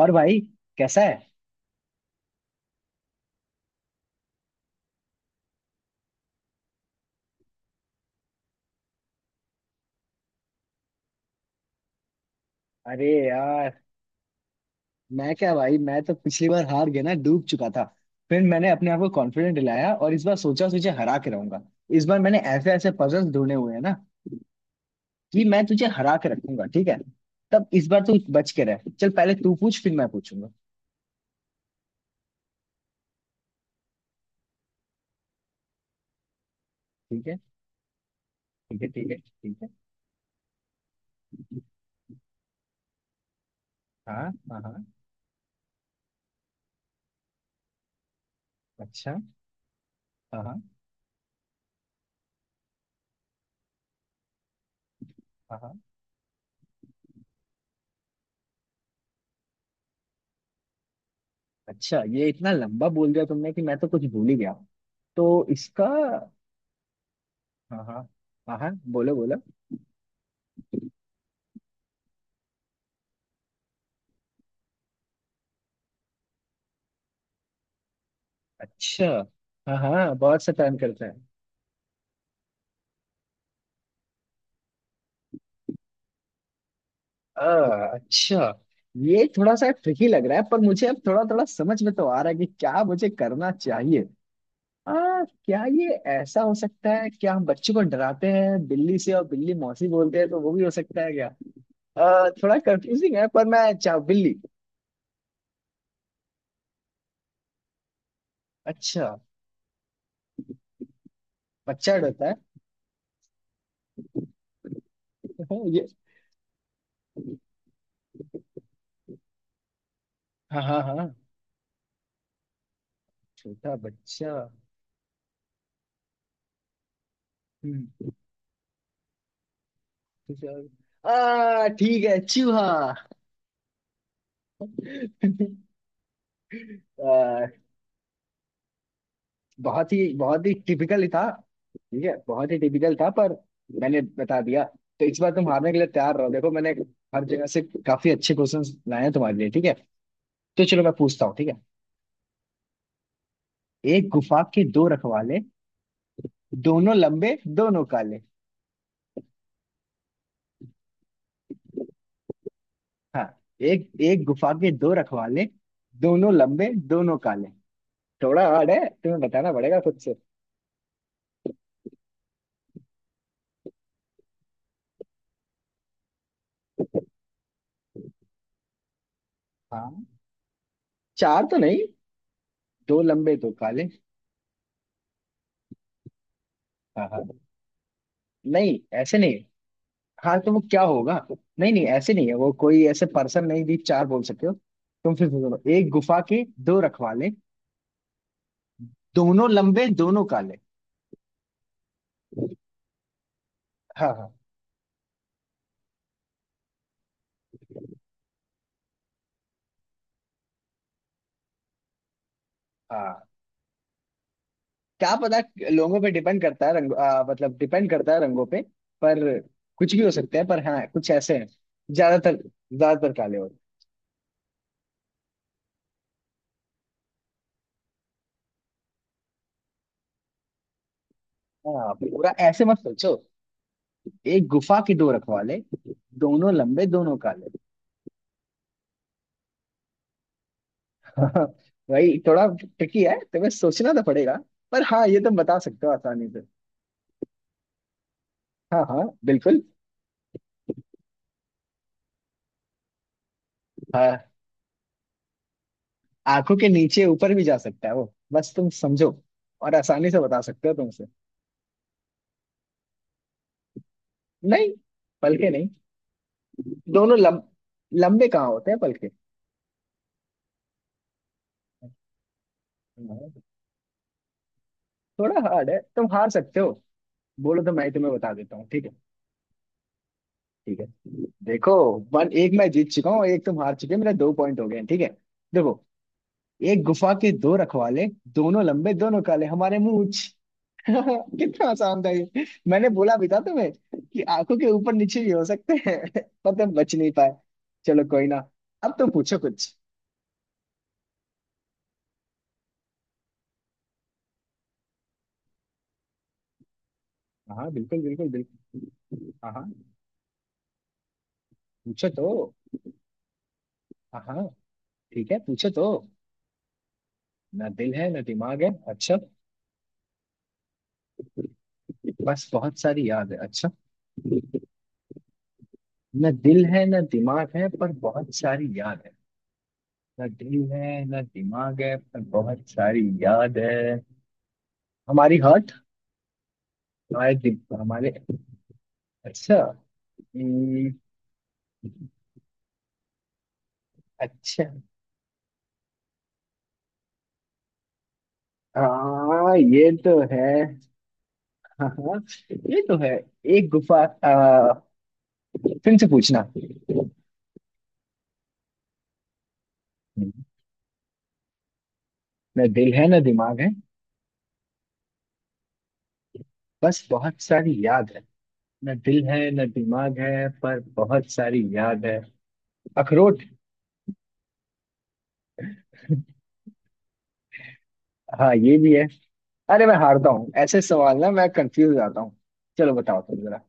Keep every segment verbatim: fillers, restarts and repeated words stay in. और भाई, कैसा है? अरे यार, मैं क्या भाई, मैं तो पिछली बार हार गया ना, डूब चुका था। फिर मैंने अपने आप को कॉन्फिडेंट दिलाया और इस बार सोचा तुझे हरा के रहूंगा। इस बार मैंने ऐसे ऐसे पजल्स ढूंढे हुए हैं ना कि मैं तुझे हरा के रखूंगा, ठीक है। तब इस बार तू बच के रह, चल पहले तू पूछ फिर मैं पूछूंगा। ठीक है। ठीक है। ठीक है। ठीक है। हाँ, हाँ, हाँ। अच्छा। हाँ, हाँ। हाँ, हाँ। अच्छा, ये इतना लंबा बोल दिया तुमने कि मैं तो कुछ भूल ही गया। तो इसका। हाँ, हाँ। हाँ, हाँ, बोलो बोलो। अच्छा। हाँ, हाँ, बहुत शैतान करता है। आ, अच्छा। ये थोड़ा सा ट्रिकी लग रहा है, पर मुझे अब थोड़ा थोड़ा समझ में तो आ रहा है कि क्या मुझे करना चाहिए। आ, क्या ये ऐसा हो सकता है, क्या हम बच्चों को डराते हैं बिल्ली से और बिल्ली मौसी बोलते हैं तो वो भी हो सकता है क्या? आ, थोड़ा कंफ्यूजिंग है, पर मैं चाह बिल्ली। अच्छा। बच्चा डरता है। हाँ, ये। हाँ, हाँ, हाँ। छोटा बच्चा। हम्म। कुछ और-। आ ठीक है, चूहा। आ, बहुत ही बहुत ही टिपिकल ही था। ठीक है, बहुत ही टिपिकल था पर मैंने बता दिया। तो इस बार तुम हारने के लिए तैयार रहो, देखो मैंने हर जगह से काफी अच्छे क्वेश्चंस लाए हैं तुम्हारे लिए, ठीक है। तो चलो मैं पूछता हूँ, ठीक है। एक गुफा के दो रखवाले, दोनों लंबे दोनों काले। हाँ। एक एक गुफा के दो रखवाले, दोनों लंबे दोनों काले। थोड़ा हार्ड है, तुम्हें बताना पड़ेगा खुद से। हाँ। चार तो नहीं। दो लंबे दो काले। हाँ, हाँ। नहीं, ऐसे नहीं। हाँ, तो वो क्या होगा? नहीं नहीं, ऐसे नहीं है वो, कोई ऐसे पर्सन नहीं, भी चार बोल सकते हो। तुम फिर बोलो, एक गुफा के दो रखवाले, दोनों लंबे दोनों काले। हाँ, हाँ। हाँ, क्या पता। लोगों पे डिपेंड करता है रंग, आ, मतलब डिपेंड करता है रंगों पे। पर कुछ भी हो सकता है, पर हाँ कुछ ऐसे हैं। ज्यादातर ज्यादातर काले होते हैं। हाँ, पूरा ऐसे मत सोचो। एक गुफा के दो रखवाले, दोनों लंबे दोनों काले। भाई, थोड़ा ट्रिकी है, तुम्हें सोचना तो पड़ेगा। पर हाँ, ये तुम बता सकते हो आसानी से। हाँ, हाँ, बिल्कुल। हाँ, आंखों के नीचे ऊपर भी जा सकता है वो, बस तुम समझो। और आसानी से बता सकते हो तुमसे। नहीं। पलके नहीं। दोनों लम, लंबे कहाँ होते हैं पलके? हाँ। थोड़ा हार्ड है, तुम हार सकते हो। बोलो तो मैं ही तुम्हें बता देता हूँ, ठीक है। ठीक है। देखो, वन एक मैं जीत चुका हूँ, एक तुम हार चुके हो, मेरे दो पॉइंट हो गए हैं, ठीक है। देखो, एक गुफा के दो रखवाले, दोनों लंबे दोनों काले, हमारे मूंछ। कितना आसान था, ये मैंने बोला भी था तुम्हें कि आंखों के ऊपर नीचे भी हो सकते हैं। पर तुम बच नहीं पाए। चलो, कोई ना। अब तुम पूछो कुछ। हाँ, बिल्कुल बिल्कुल बिल्कुल। हाँ, हाँ। पूछो तो। हाँ, हाँ। ठीक है, पूछो तो। ना दिल है ना दिमाग है, अच्छा। बस बहुत सारी याद है, अच्छा। ना दिल है ना दिमाग है पर बहुत सारी याद है। ना दिल है ना दिमाग है पर बहुत सारी याद है। हमारी हार्ट, हमारे दिल, हमारे। अच्छा। हम्म। अच्छा। हाँ, ये तो है। हाँ, हाँ, ये तो है। एक गुफा आ, फिर से पूछना। न दिल है न दिमाग है। बस बहुत सारी याद है। न दिल है न दिमाग है पर बहुत सारी याद है। अखरोट। हाँ, ये भी है। अरे मैं हारता हूँ ऐसे सवाल, ना मैं कंफ्यूज हो जाता हूँ। चलो, बताओ तुम जरा।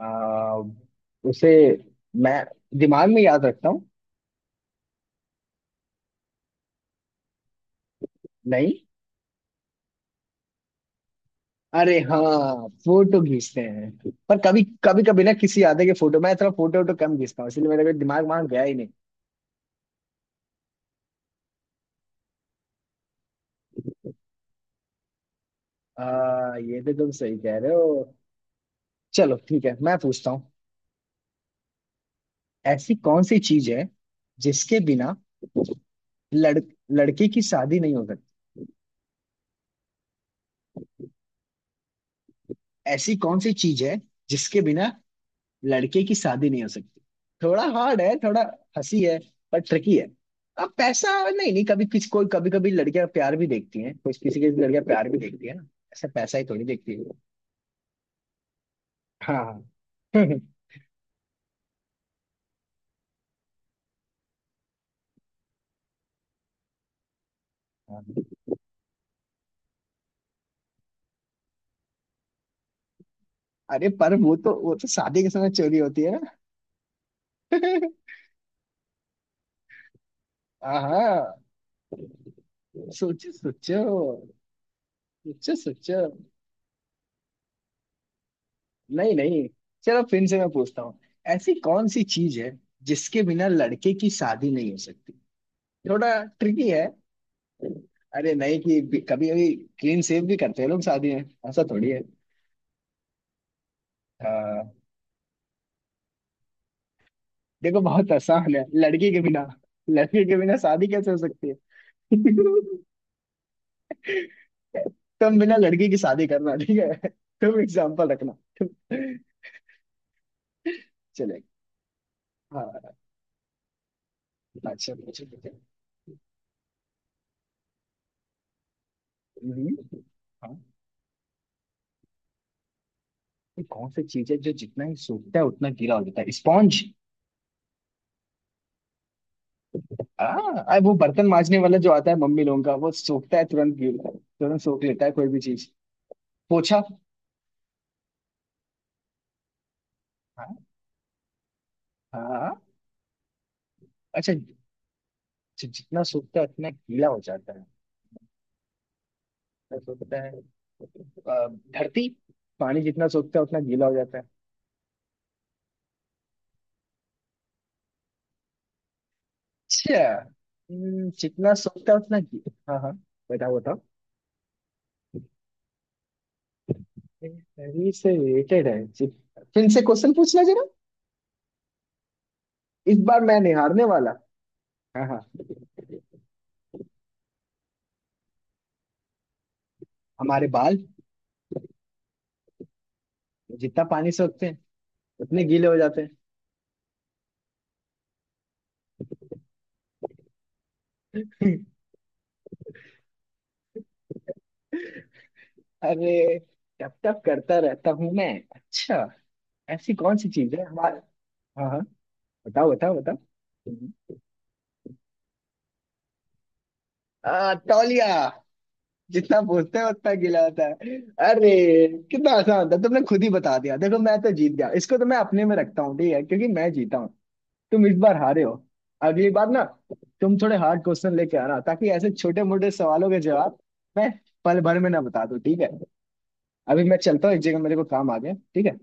आ, उसे मैं दिमाग में याद रखता हूँ। नहीं। अरे हाँ, फोटो खींचते हैं। पर कभी कभी कभी ना किसी आते के फोटो मैं थोड़ा फोटो वोटो कम खींचता हूँ, इसलिए मेरे को दिमाग वहां गया ही नहीं। आ, ये तो तुम सही कह रहे हो। चलो ठीक है, मैं पूछता हूँ। ऐसी कौन सी चीज है जिसके बिना लड़ लड़के की शादी नहीं हो सकती? ऐसी कौन सी चीज है जिसके बिना लड़के की शादी नहीं हो सकती? थोड़ा हार्ड है, थोड़ा हंसी है, पर ट्रिकी है। अब पैसा नहीं नहीं, कभी किसी कोई, कभी कभी लड़कियां प्यार भी देखती हैं, कुछ किसी किसी लड़कियां प्यार भी देखती है ना। ऐसा पैसा ही थोड़ी देखती है। हाँ, हाँ। अरे पर वो तो वो तो शादी के समय चोरी होती है ना। हाँ। सोचो सोचो। सोचो सोचो। नहीं नहीं। चलो फिर से मैं पूछता हूँ। ऐसी कौन सी चीज है जिसके बिना लड़के की शादी नहीं हो सकती? थोड़ा ट्रिकी है। अरे नहीं कि कभी कभी क्लीन शेव भी करते हैं लोग शादी में, ऐसा थोड़ी है। हाँ। देखो बहुत आसान है, लड़की के बिना। लड़की के बिना शादी कैसे हो सकती है? तुम बिना लड़की की शादी करना, ठीक है। तुम एग्जाम्पल रखना। तुम। चले। हाँ, अच्छा अच्छा। अच्छा। हम्म। हाँ। ये कौन सी चीज है जो जितना ही सूखता है उतना गीला हो जाता है, स्पॉन्ज? हाँ, वो बर्तन मांजने वाला जो आता है मम्मी लोगों का, वो सोखता है, तुरंत गीला तुरंत सोख लेता है कोई भी चीज। पोछा। हाँ, हाँ। अच्छा, जि-। जितना सूखता है उतना गीला हो जाता है। जितना सूखता है। अ, धरती। पानी जितना सूखता है उतना गीला हो जाता है। अच्छा। हम्म, जितना सूखता है उतना गीला, हाँ, हाँ। बताओ बताओ। शरीर से रिलेटेड है, जित- फिर से क्वेश्चन पूछना जरा। इस बार मैं नहीं हारने वाला। हाँ, हाँ। हमारे बाल, जितना पानी सोखते हैं उतने गीले हो जाते हैं। अरे, टप टप करता रहता हूँ मैं। अच्छा। ऐसी कौन सी चीज है हमारे? हाँ, हाँ, बताओ बताओ बताओ। आ, तौलिया। जितना पूछते हैं उतना गीला होता है। अरे, कितना आसान था, तुमने खुद ही बता दिया, देखो मैं तो जीत गया, इसको तो मैं अपने में रखता हूँ, ठीक है, क्योंकि मैं जीता हूँ। तुम इस बार हारे हो। अगली बार ना तुम थोड़े हार्ड क्वेश्चन लेके आना, ताकि ऐसे छोटे मोटे सवालों के जवाब मैं पल भर में ना बता दूं, ठीक है। अभी मैं चलता हूँ, एक जगह मेरे को काम आ गया, ठीक है।